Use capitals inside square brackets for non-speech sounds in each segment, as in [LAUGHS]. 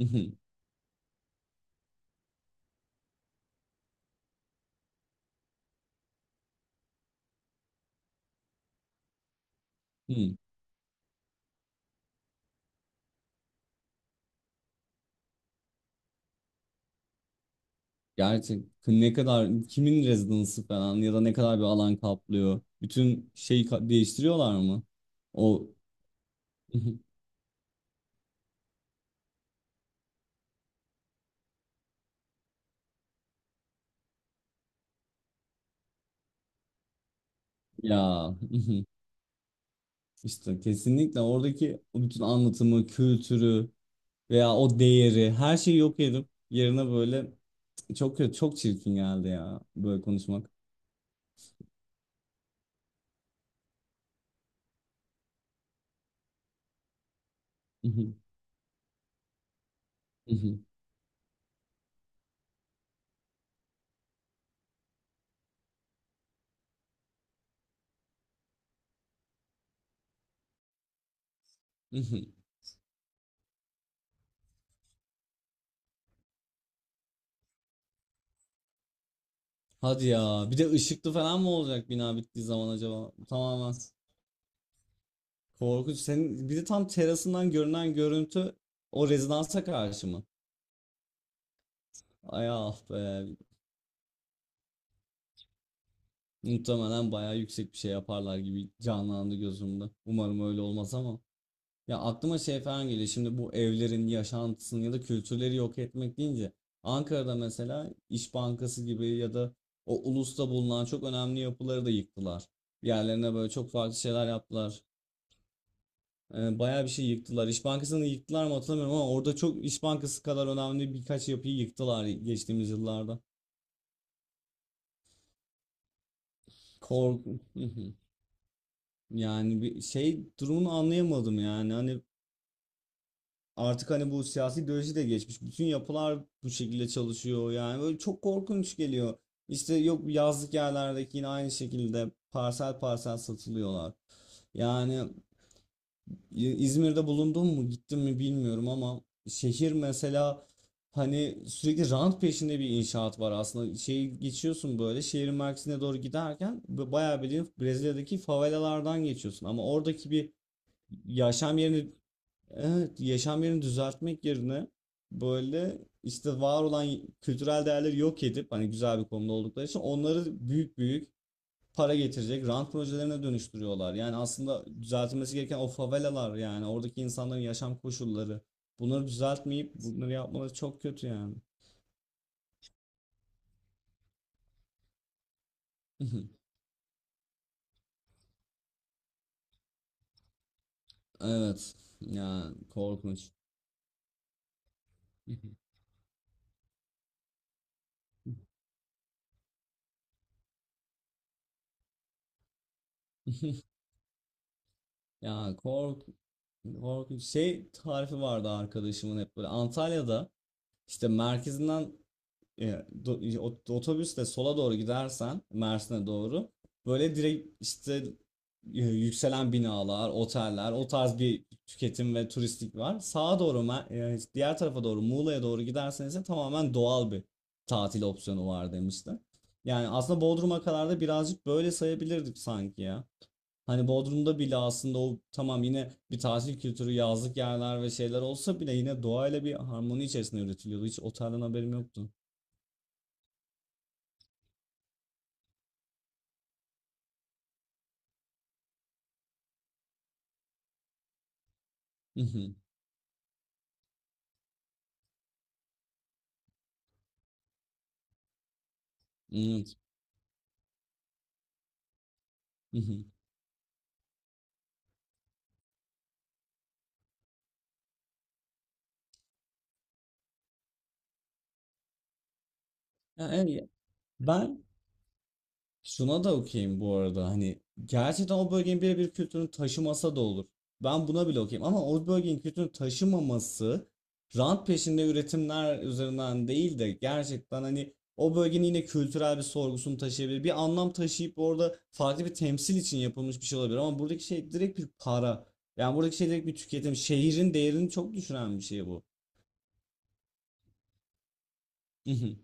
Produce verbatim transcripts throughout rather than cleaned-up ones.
Hı hı, hı. Gerçek ne kadar kimin rezidansı falan ya da ne kadar bir alan kaplıyor. Bütün şeyi ka- değiştiriyorlar mı? O hı hı. [LAUGHS] Ya, hı hı. işte kesinlikle oradaki o bütün anlatımı, kültürü veya o değeri her şeyi yok edip yerine böyle çok kötü, çok çirkin geldi ya böyle konuşmak. Hı hı, hı hı, hı hı. Hadi ya, bir de ışıklı falan mı olacak bina bittiği zaman acaba? Tamamen. Korkunç. Senin bir de tam terasından görünen görüntü o rezidansa karşı mı? Ay ah be. Muhtemelen bayağı yüksek bir şey yaparlar gibi canlandı gözümde. Umarım öyle olmaz ama. Ya aklıma şey falan geliyor. Şimdi bu evlerin yaşantısını ya da kültürleri yok etmek deyince Ankara'da mesela İş Bankası gibi ya da o ulusta bulunan çok önemli yapıları da yıktılar. Yerlerine böyle çok farklı şeyler yaptılar. E, Bayağı bir şey yıktılar. İş Bankası'nı yıktılar mı hatırlamıyorum ama orada çok İş Bankası kadar önemli birkaç yapıyı yıktılar geçtiğimiz yıllarda. Kork [LAUGHS] Yani bir şey durumunu anlayamadım yani. Hani artık hani bu siyasi ideoloji de geçmiş. Bütün yapılar bu şekilde çalışıyor. Yani böyle çok korkunç geliyor. İşte yok, yazlık yerlerdeki yine aynı şekilde parsel parsel satılıyorlar. Yani İ- İzmir'de bulundum mu gittim mi bilmiyorum ama şehir mesela hani sürekli rant peşinde bir inşaat var aslında. Şeyi geçiyorsun böyle şehrin merkezine doğru giderken b- bayağı bildiğin Brezilya'daki favelalardan geçiyorsun. Ama oradaki bir yaşam yerini, evet, yaşam yerini düzeltmek yerine böyle işte var olan kültürel değerleri yok edip hani güzel bir konuda oldukları için onları büyük büyük para getirecek rant projelerine dönüştürüyorlar. Yani aslında düzeltilmesi gereken o favelalar, yani oradaki insanların yaşam koşulları. Bunları düzeltmeyip bunları yapmaları çok kötü yani. [LAUGHS] Evet, yani korkunç. [LAUGHS] Ya kork korkunç şey tarifi vardı arkadaşımın, hep böyle Antalya'da işte merkezinden e, do- e, ot- otobüsle sola doğru gidersen Mersin'e doğru böyle direkt işte e, yükselen binalar, oteller, o tarz bir tüketim ve turistik var. Sağa doğru Mer- e, diğer tarafa doğru Muğla'ya doğru giderseniz de tamamen doğal bir tatil opsiyonu var demişti. Yani aslında Bodrum'a kadar da birazcık böyle sayabilirdik sanki ya. Hani Bodrum'da bile aslında o tamam, yine bir tatil kültürü, yazlık yerler ve şeyler olsa bile yine doğayla bir harmoni içerisinde üretiliyordu. Hiç otelden haberim yoktu. [LAUGHS] Hmm, hı hı. Ya, evet, ben şuna da okeyim bu arada, hani gerçekten o bölgenin birebir kültürünü taşımasa da olur. Ben buna bile okeyim ama o bölgenin kültürünü taşımaması rant peşinde üretimler üzerinden değil de gerçekten hani o bölgenin yine kültürel bir sorgusunu taşıyabilir. Bir anlam taşıyıp orada farklı bir temsil için yapılmış bir şey olabilir ama buradaki şey direkt bir para. Yani buradaki şey direkt bir tüketim. Şehrin değerini çok düşüren bir şey bu. Hı hı.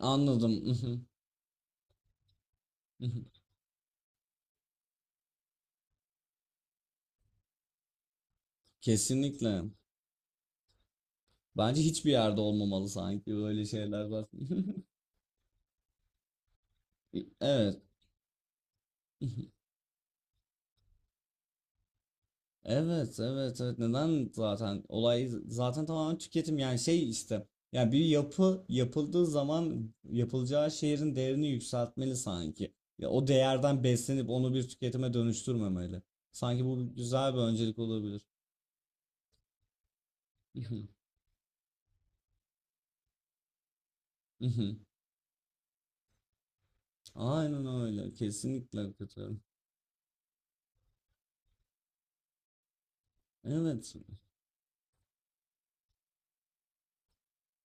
Anladım. Hı hı. Hı hı. Kesinlikle. Bence hiçbir yerde olmamalı, sanki böyle şeyler var. [LAUGHS] Evet. [LAUGHS] Evet, evet, evet. Neden zaten olay zaten tamamen tüketim, yani şey işte. Yani bir yapı yapıldığı zaman yapılacağı şehrin değerini yükseltmeli sanki. Ya o değerden beslenip onu bir tüketime dönüştürmemeli. Sanki bu güzel bir öncelik olabilir. [LAUGHS] Mhm, mhm. Aynen öyle. Kesinlikle katılıyorum. Evet.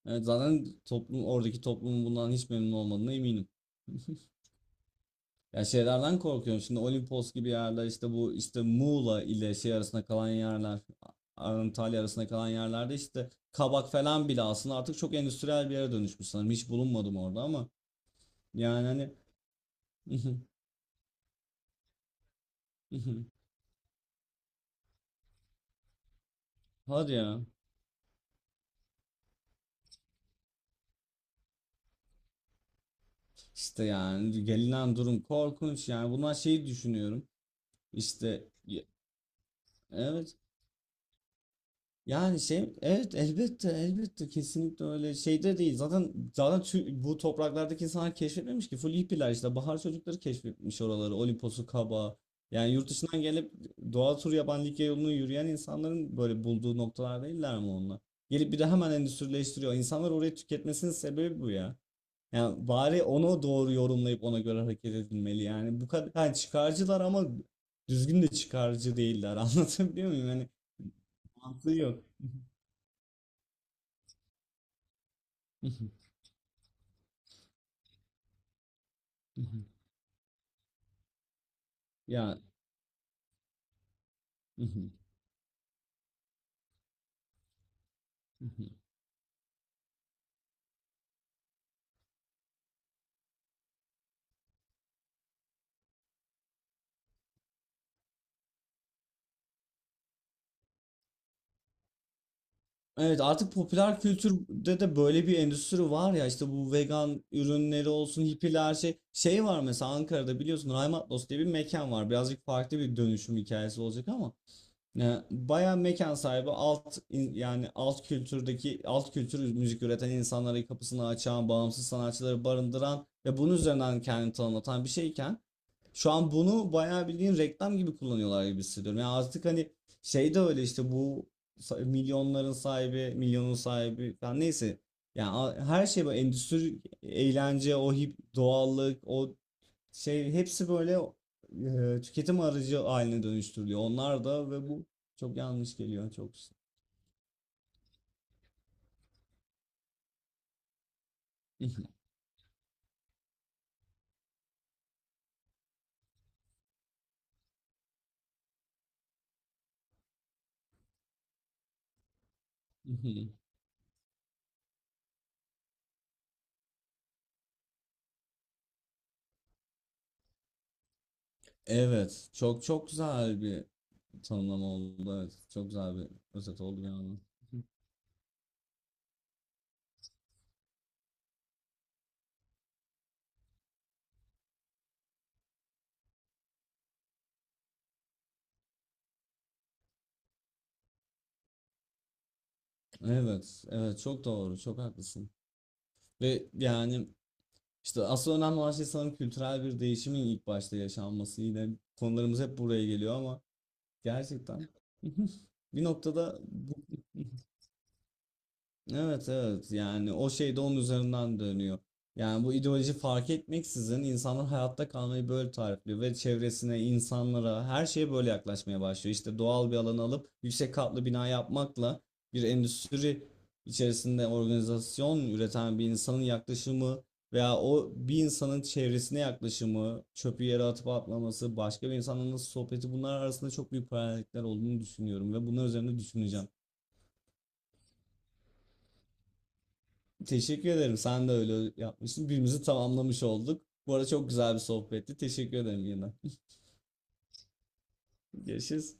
Evet, zaten toplum oradaki toplumun bundan hiç memnun olmadığına eminim. [LAUGHS] Ya, şeylerden korkuyorum. Şimdi Olimpos gibi yerler, işte bu işte Muğla ile şey arasında kalan yerler, A- Antalya arasında kalan yerlerde işte Kabak falan bile aslında artık çok endüstriyel bir yere dönüşmüş sanırım. Hiç bulunmadım orada ama yani hani [LAUGHS] hadi ya, işte yani gelinen durum korkunç yani, bunlar şeyi düşünüyorum. İşte evet. Yani şey evet, elbette elbette kesinlikle öyle şeyde değil. Zaten zaten tü- bu topraklardaki insanlar keşfetmemiş ki, full hippiler işte bahar çocukları keşfetmiş oraları, Olimpos'u Kaba. Yani yurt dışından gelip doğa turu yapan, Likya yolunu yürüyen insanların böyle bulduğu noktalar değiller mi onlar? Gelip bir de hemen endüstrileştiriyor. İnsanlar orayı tüketmesinin sebebi bu ya. Yani bari onu doğru yorumlayıp ona göre hareket edilmeli. Yani bu kadar yani çıkarcılar ama düzgün de çıkarcı değiller. [LAUGHS] Anlatabiliyor muyum? Yani mantığı yok. [LAUGHS] Hı hı. Ya hı hı. Hı hı. Evet, artık popüler kültürde de böyle bir endüstri var ya, işte bu vegan ürünleri olsun, hippiler, şey şey var mesela Ankara'da biliyorsun, Raymatlos diye bir mekan var, birazcık farklı bir dönüşüm hikayesi olacak ama e, bayağı mekan sahibi alt in- yani alt kültürdeki alt kültür müzik üreten insanlara kapısını açan, bağımsız sanatçıları barındıran ve bunun üzerinden kendini tanımlatan bir şeyken şu an bunu bayağı bildiğin reklam gibi kullanıyorlar gibi hissediyorum. Yani artık hani şey de öyle işte, bu sa- milyonların sahibi, milyonun sahibi falan neyse. Yani a- her şey böyle endüstri, eğlence, o hip, doğallık, o şey hepsi böyle e, tüketim aracı haline dönüştürülüyor. Onlar da, ve bu çok yanlış geliyor. Çok [LAUGHS] evet, çok çok güzel bir tanımlama oldu. Evet, çok güzel bir özet oldu yani. Evet, evet çok doğru, çok haklısın. Ve yani işte asıl önemli olan şey sanırım kültürel bir değişimin ilk başta yaşanması. Yine konularımız hep buraya geliyor ama gerçekten [LAUGHS] bir noktada bu evet, evet yani o şey de onun üzerinden dönüyor. Yani bu ideoloji fark etmeksizin insanlar hayatta kalmayı böyle tarifliyor ve çevresine, insanlara, her şeye böyle yaklaşmaya başlıyor. İşte doğal bir alanı alıp yüksek katlı bina yapmakla bir endüstri içerisinde organizasyon üreten bir insanın yaklaşımı veya o bir insanın çevresine yaklaşımı, çöpü yere atıp atmaması, başka bir insanla nasıl sohbeti, bunlar arasında çok büyük paralellikler olduğunu düşünüyorum ve bunlar üzerine düşüneceğim. Teşekkür ederim. Sen de öyle yapmışsın. Birbirimizi tamamlamış olduk. Bu arada çok güzel bir sohbetti. Teşekkür ederim yine. [LAUGHS] Görüşürüz.